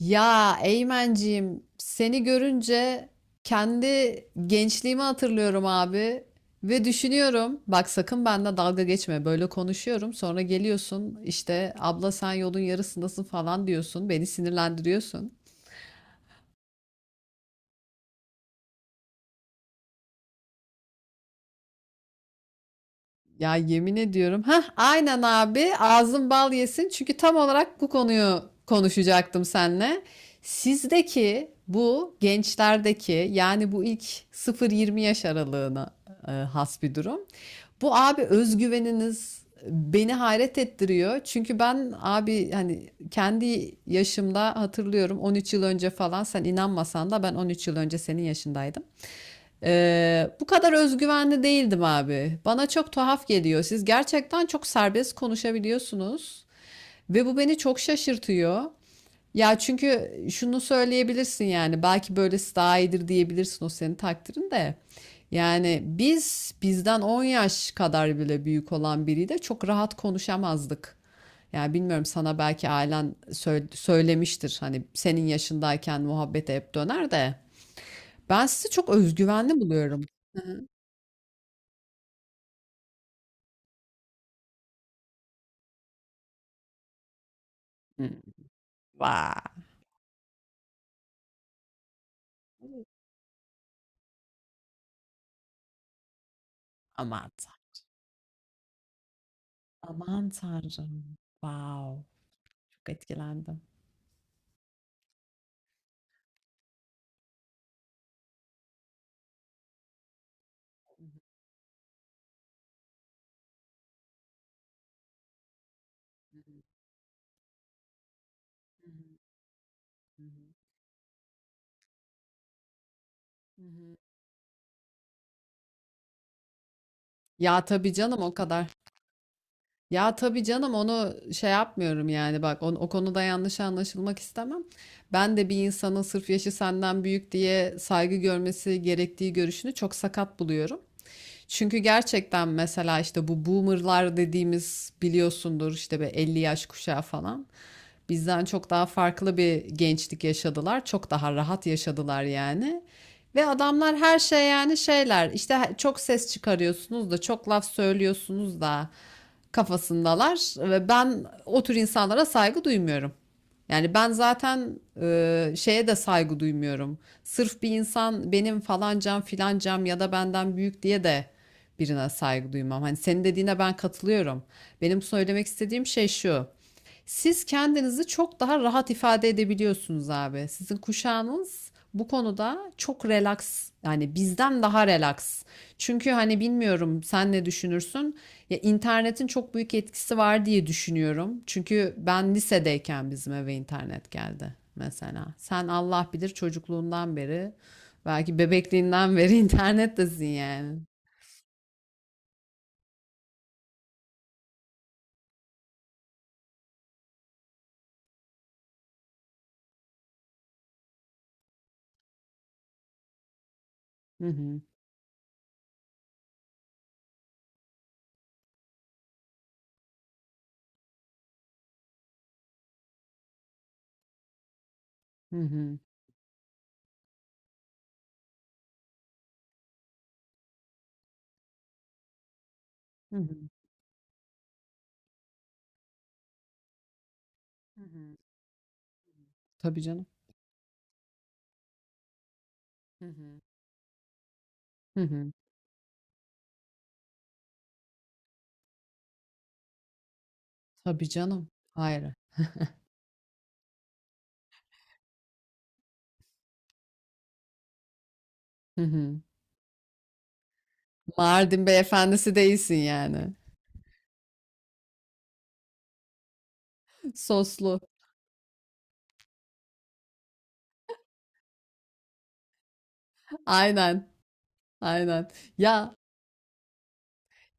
Ya Eymenciğim seni görünce kendi gençliğimi hatırlıyorum abi ve düşünüyorum bak sakın benden dalga geçme böyle konuşuyorum sonra geliyorsun işte abla sen yolun yarısındasın falan diyorsun beni sinirlendiriyorsun. Ya yemin ediyorum. Ha, aynen abi. Ağzın bal yesin. Çünkü tam olarak bu konuyu konuşacaktım seninle. Sizdeki bu gençlerdeki yani bu ilk 0-20 yaş aralığına has bir durum. Bu abi özgüveniniz beni hayret ettiriyor. Çünkü ben abi hani kendi yaşımda hatırlıyorum 13 yıl önce falan sen inanmasan da ben 13 yıl önce senin yaşındaydım. Bu kadar özgüvenli değildim abi. Bana çok tuhaf geliyor. Siz gerçekten çok serbest konuşabiliyorsunuz ve bu beni çok şaşırtıyor. Ya çünkü şunu söyleyebilirsin yani belki böylesi daha iyidir diyebilirsin o senin takdirin de. Yani biz bizden 10 yaş kadar bile büyük olan biriyle çok rahat konuşamazdık. Yani bilmiyorum sana belki ailen söylemiştir hani senin yaşındayken muhabbete hep döner de ben sizi çok özgüvenli buluyorum. Hımm. Vay! Aman Tanrım, aman Tanrım. Wow! Çok etkilendim. Hı hı. Hı hı. Ya, tabii canım o kadar. Ya, tabii canım onu şey yapmıyorum yani bak o konuda yanlış anlaşılmak istemem. Ben de bir insanın sırf yaşı senden büyük diye saygı görmesi gerektiği görüşünü çok sakat buluyorum. Çünkü gerçekten mesela işte bu boomerlar dediğimiz biliyorsundur işte be 50 yaş kuşağı falan. Bizden çok daha farklı bir gençlik yaşadılar. Çok daha rahat yaşadılar yani. Ve adamlar her şey yani şeyler işte çok ses çıkarıyorsunuz da çok laf söylüyorsunuz da kafasındalar ve ben o tür insanlara saygı duymuyorum. Yani ben zaten şeye de saygı duymuyorum. Sırf bir insan benim falancam filancam ya da benden büyük diye de birine saygı duymam. Hani senin dediğine ben katılıyorum. Benim söylemek istediğim şey şu. Siz kendinizi çok daha rahat ifade edebiliyorsunuz abi. Sizin kuşağınız bu konuda çok relax yani bizden daha relax. Çünkü hani bilmiyorum sen ne düşünürsün? Ya internetin çok büyük etkisi var diye düşünüyorum. Çünkü ben lisedeyken bizim eve internet geldi mesela. Sen Allah bilir çocukluğundan beri belki bebekliğinden beri internettesin yani. Hı hı. Hı hı. Hı hı. Hı hı. Tabii canım. Hı hı. Hı hı. Tabii canım. Hayır. Hı hı. Mardin beyefendisi değilsin yani. Soslu. Aynen, aynen. Ya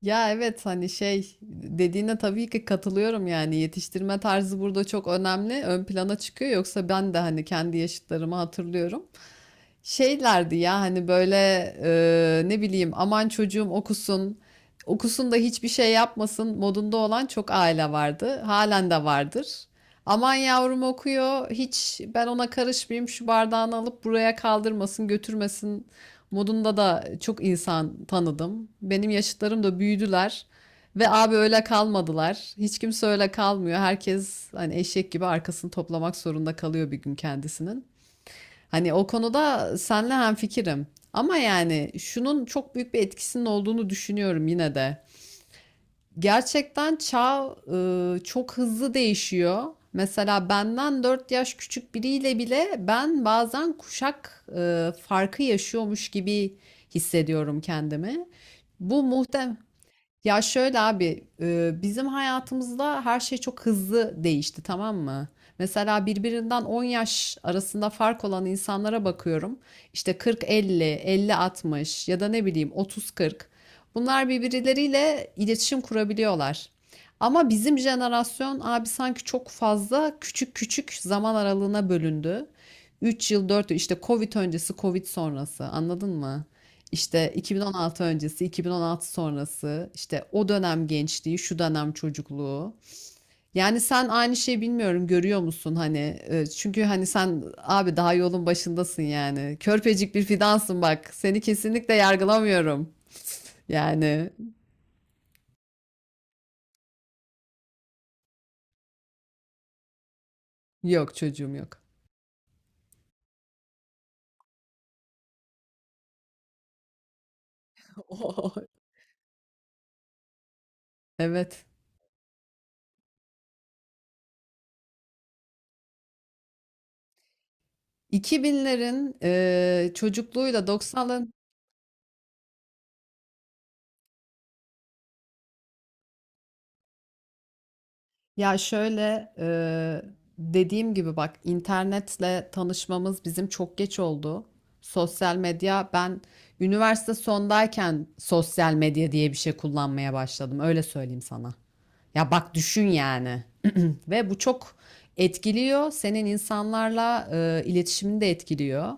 ya evet hani şey dediğine tabii ki katılıyorum yani yetiştirme tarzı burada çok önemli, ön plana çıkıyor. Yoksa ben de hani kendi yaşıtlarımı hatırlıyorum şeylerdi ya hani böyle ne bileyim aman çocuğum okusun okusun da hiçbir şey yapmasın modunda olan çok aile vardı halen de vardır aman yavrum okuyor hiç ben ona karışmayayım şu bardağını alıp buraya kaldırmasın götürmesin modunda da çok insan tanıdım benim yaşıtlarım da büyüdüler ve abi öyle kalmadılar hiç kimse öyle kalmıyor herkes hani eşek gibi arkasını toplamak zorunda kalıyor bir gün kendisinin. Hani o konuda senle hemfikirim. Ama yani şunun çok büyük bir etkisinin olduğunu düşünüyorum yine de. Gerçekten çağ çok hızlı değişiyor. Mesela benden 4 yaş küçük biriyle bile ben bazen kuşak farkı yaşıyormuş gibi hissediyorum kendimi. Bu muhtem ya şöyle abi, bizim hayatımızda her şey çok hızlı değişti, tamam mı? Mesela birbirinden 10 yaş arasında fark olan insanlara bakıyorum. İşte kırk, elli, elli 60 ya da ne bileyim otuz, kırk. Bunlar birbirleriyle iletişim kurabiliyorlar. Ama bizim jenerasyon abi sanki çok fazla küçük küçük zaman aralığına bölündü. 3 yıl, 4 yıl işte Covid öncesi, Covid sonrası anladın mı? İşte 2016 öncesi, 2016 sonrası, işte o dönem gençliği, şu dönem çocukluğu. Yani sen aynı şeyi bilmiyorum görüyor musun hani? Çünkü hani sen abi daha yolun başındasın yani. Körpecik bir fidansın bak. Seni kesinlikle yargılamıyorum. Yani yok çocuğum yok. Evet. 2000'lerin çocukluğuyla 90'ların. Ya şöyle dediğim gibi bak internetle tanışmamız bizim çok geç oldu. Sosyal medya ben üniversite sondayken sosyal medya diye bir şey kullanmaya başladım. Öyle söyleyeyim sana. Ya bak düşün yani. Ve bu çok etkiliyor. Senin insanlarla iletişimini de etkiliyor.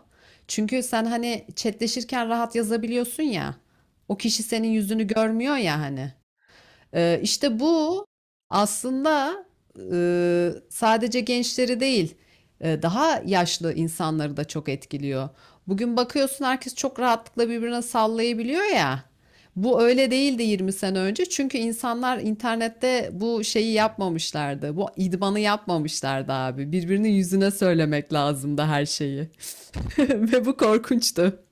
Çünkü sen hani chatleşirken rahat yazabiliyorsun ya. O kişi senin yüzünü görmüyor ya hani. İşte bu aslında sadece gençleri değil, daha yaşlı insanları da çok etkiliyor. Bugün bakıyorsun herkes çok rahatlıkla birbirine sallayabiliyor ya. Bu öyle değildi 20 sene önce. Çünkü insanlar internette bu şeyi yapmamışlardı. Bu idmanı yapmamışlardı abi. Birbirinin yüzüne söylemek lazımdı her şeyi. Ve bu korkunçtu.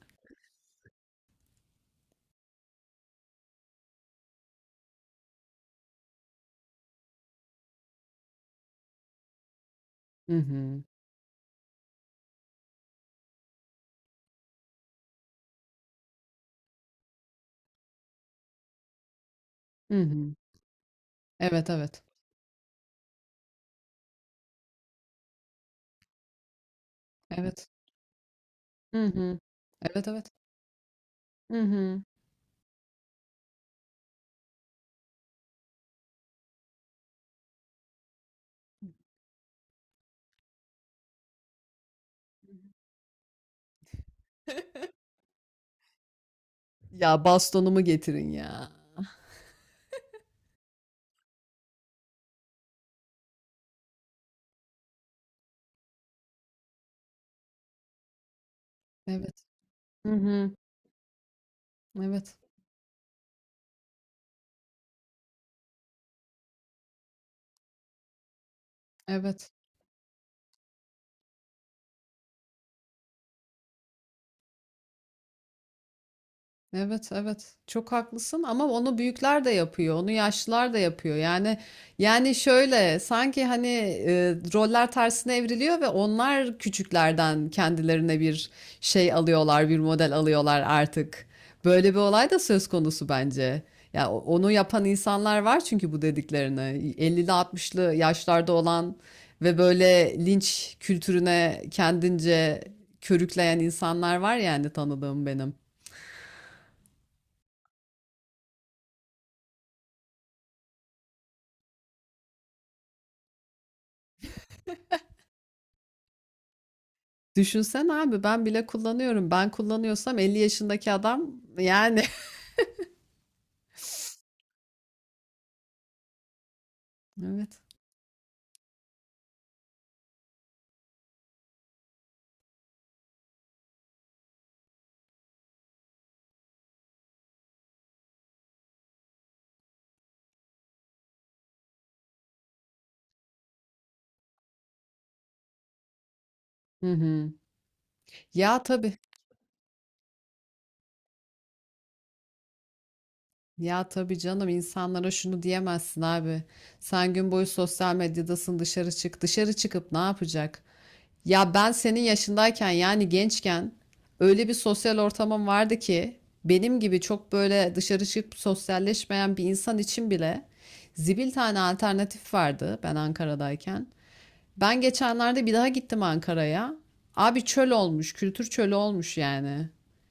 Hı hı. Hı hı. Evet evet. Evet. Hı hı. Evet evet. Hı hı. Ya bastonumu getirin ya. Evet. Hı hı. Evet. Evet. Evet, evet. Çok haklısın ama onu büyükler de yapıyor, onu yaşlılar da yapıyor. Yani şöyle sanki hani e, roller tersine evriliyor ve onlar küçüklerden kendilerine bir şey alıyorlar, bir model alıyorlar artık. Böyle bir olay da söz konusu bence. Ya onu yapan insanlar var çünkü bu dediklerini 50'li 60'lı yaşlarda olan ve böyle linç kültürüne kendince körükleyen insanlar var yani tanıdığım benim. Düşünsen abi ben bile kullanıyorum. Ben kullanıyorsam 50 yaşındaki adam yani. Evet. Hı hı. Ya tabii. Ya tabii canım insanlara şunu diyemezsin abi. Sen gün boyu sosyal medyadasın dışarı çık. Dışarı çıkıp ne yapacak? Ya ben senin yaşındayken yani gençken öyle bir sosyal ortamım vardı ki benim gibi çok böyle dışarı çıkıp sosyalleşmeyen bir insan için bile zibil tane alternatif vardı ben Ankara'dayken. Ben geçenlerde bir daha gittim Ankara'ya. Abi çöl olmuş, kültür çölü olmuş yani.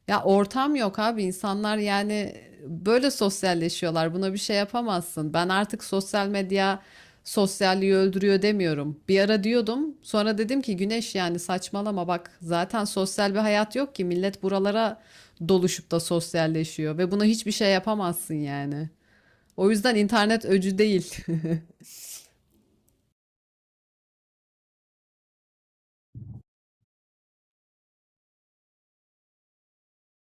Ya ortam yok abi insanlar yani böyle sosyalleşiyorlar. Buna bir şey yapamazsın. Ben artık sosyal medya sosyalliği öldürüyor demiyorum. Bir ara diyordum. Sonra dedim ki Güneş yani saçmalama bak. Zaten sosyal bir hayat yok ki. Millet buralara doluşup da sosyalleşiyor ve buna hiçbir şey yapamazsın yani. O yüzden internet öcü değil.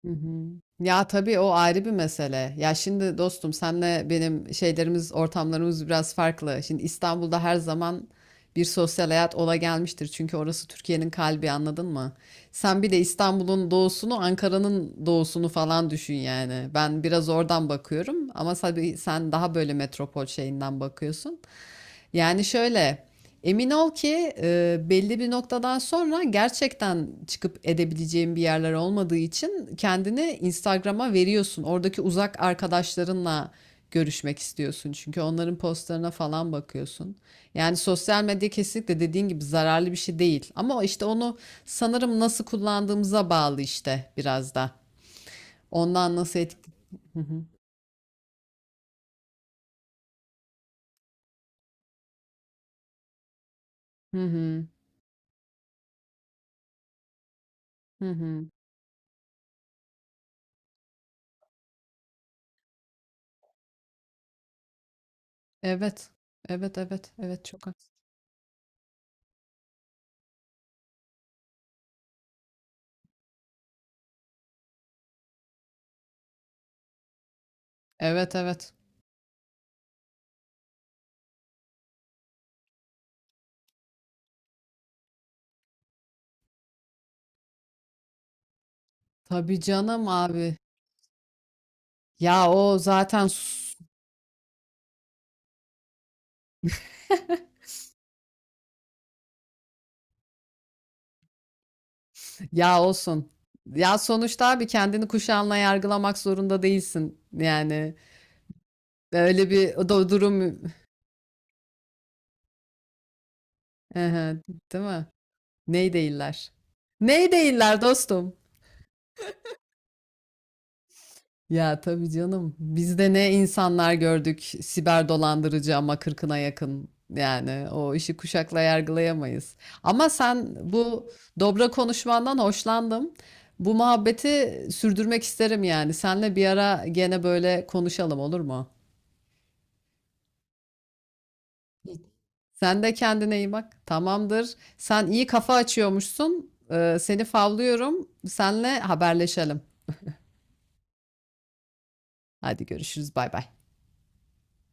Hı hı. Ya tabii o ayrı bir mesele. Ya şimdi dostum senle benim şeylerimiz, ortamlarımız biraz farklı. Şimdi İstanbul'da her zaman bir sosyal hayat ola gelmiştir. Çünkü orası Türkiye'nin kalbi anladın mı? Sen bir de İstanbul'un doğusunu, Ankara'nın doğusunu falan düşün yani. Ben biraz oradan bakıyorum ama tabii sen daha böyle metropol şeyinden bakıyorsun. Yani şöyle. Emin ol ki belli bir noktadan sonra gerçekten çıkıp edebileceğin bir yerler olmadığı için kendini Instagram'a veriyorsun. Oradaki uzak arkadaşlarınla görüşmek istiyorsun çünkü onların postlarına falan bakıyorsun. Yani sosyal medya kesinlikle dediğin gibi zararlı bir şey değil. Ama işte onu sanırım nasıl kullandığımıza bağlı işte biraz da. Ondan nasıl etki... Hı hı. Hı hı. Hı hı. Evet. Evet evet evet çok haklısın. Evet evet. Tabii canım abi. Ya o zaten sus- ya olsun. Ya sonuçta abi kendini kuşağınla yargılamak zorunda değilsin. Yani öyle bir o da durum. Ehe, değil mi? Ney değiller? Ney değiller dostum? Ya tabii canım. Biz de ne insanlar gördük. Siber dolandırıcı ama kırkına yakın. Yani o işi kuşakla yargılayamayız. Ama sen bu dobra konuşmandan hoşlandım. Bu muhabbeti sürdürmek isterim yani. Senle bir ara gene böyle konuşalım olur mu? Sen de kendine iyi bak. Tamamdır. Sen iyi kafa açıyormuşsun. Seni favlıyorum. Senle haberleşelim. Hadi görüşürüz. Bay bay.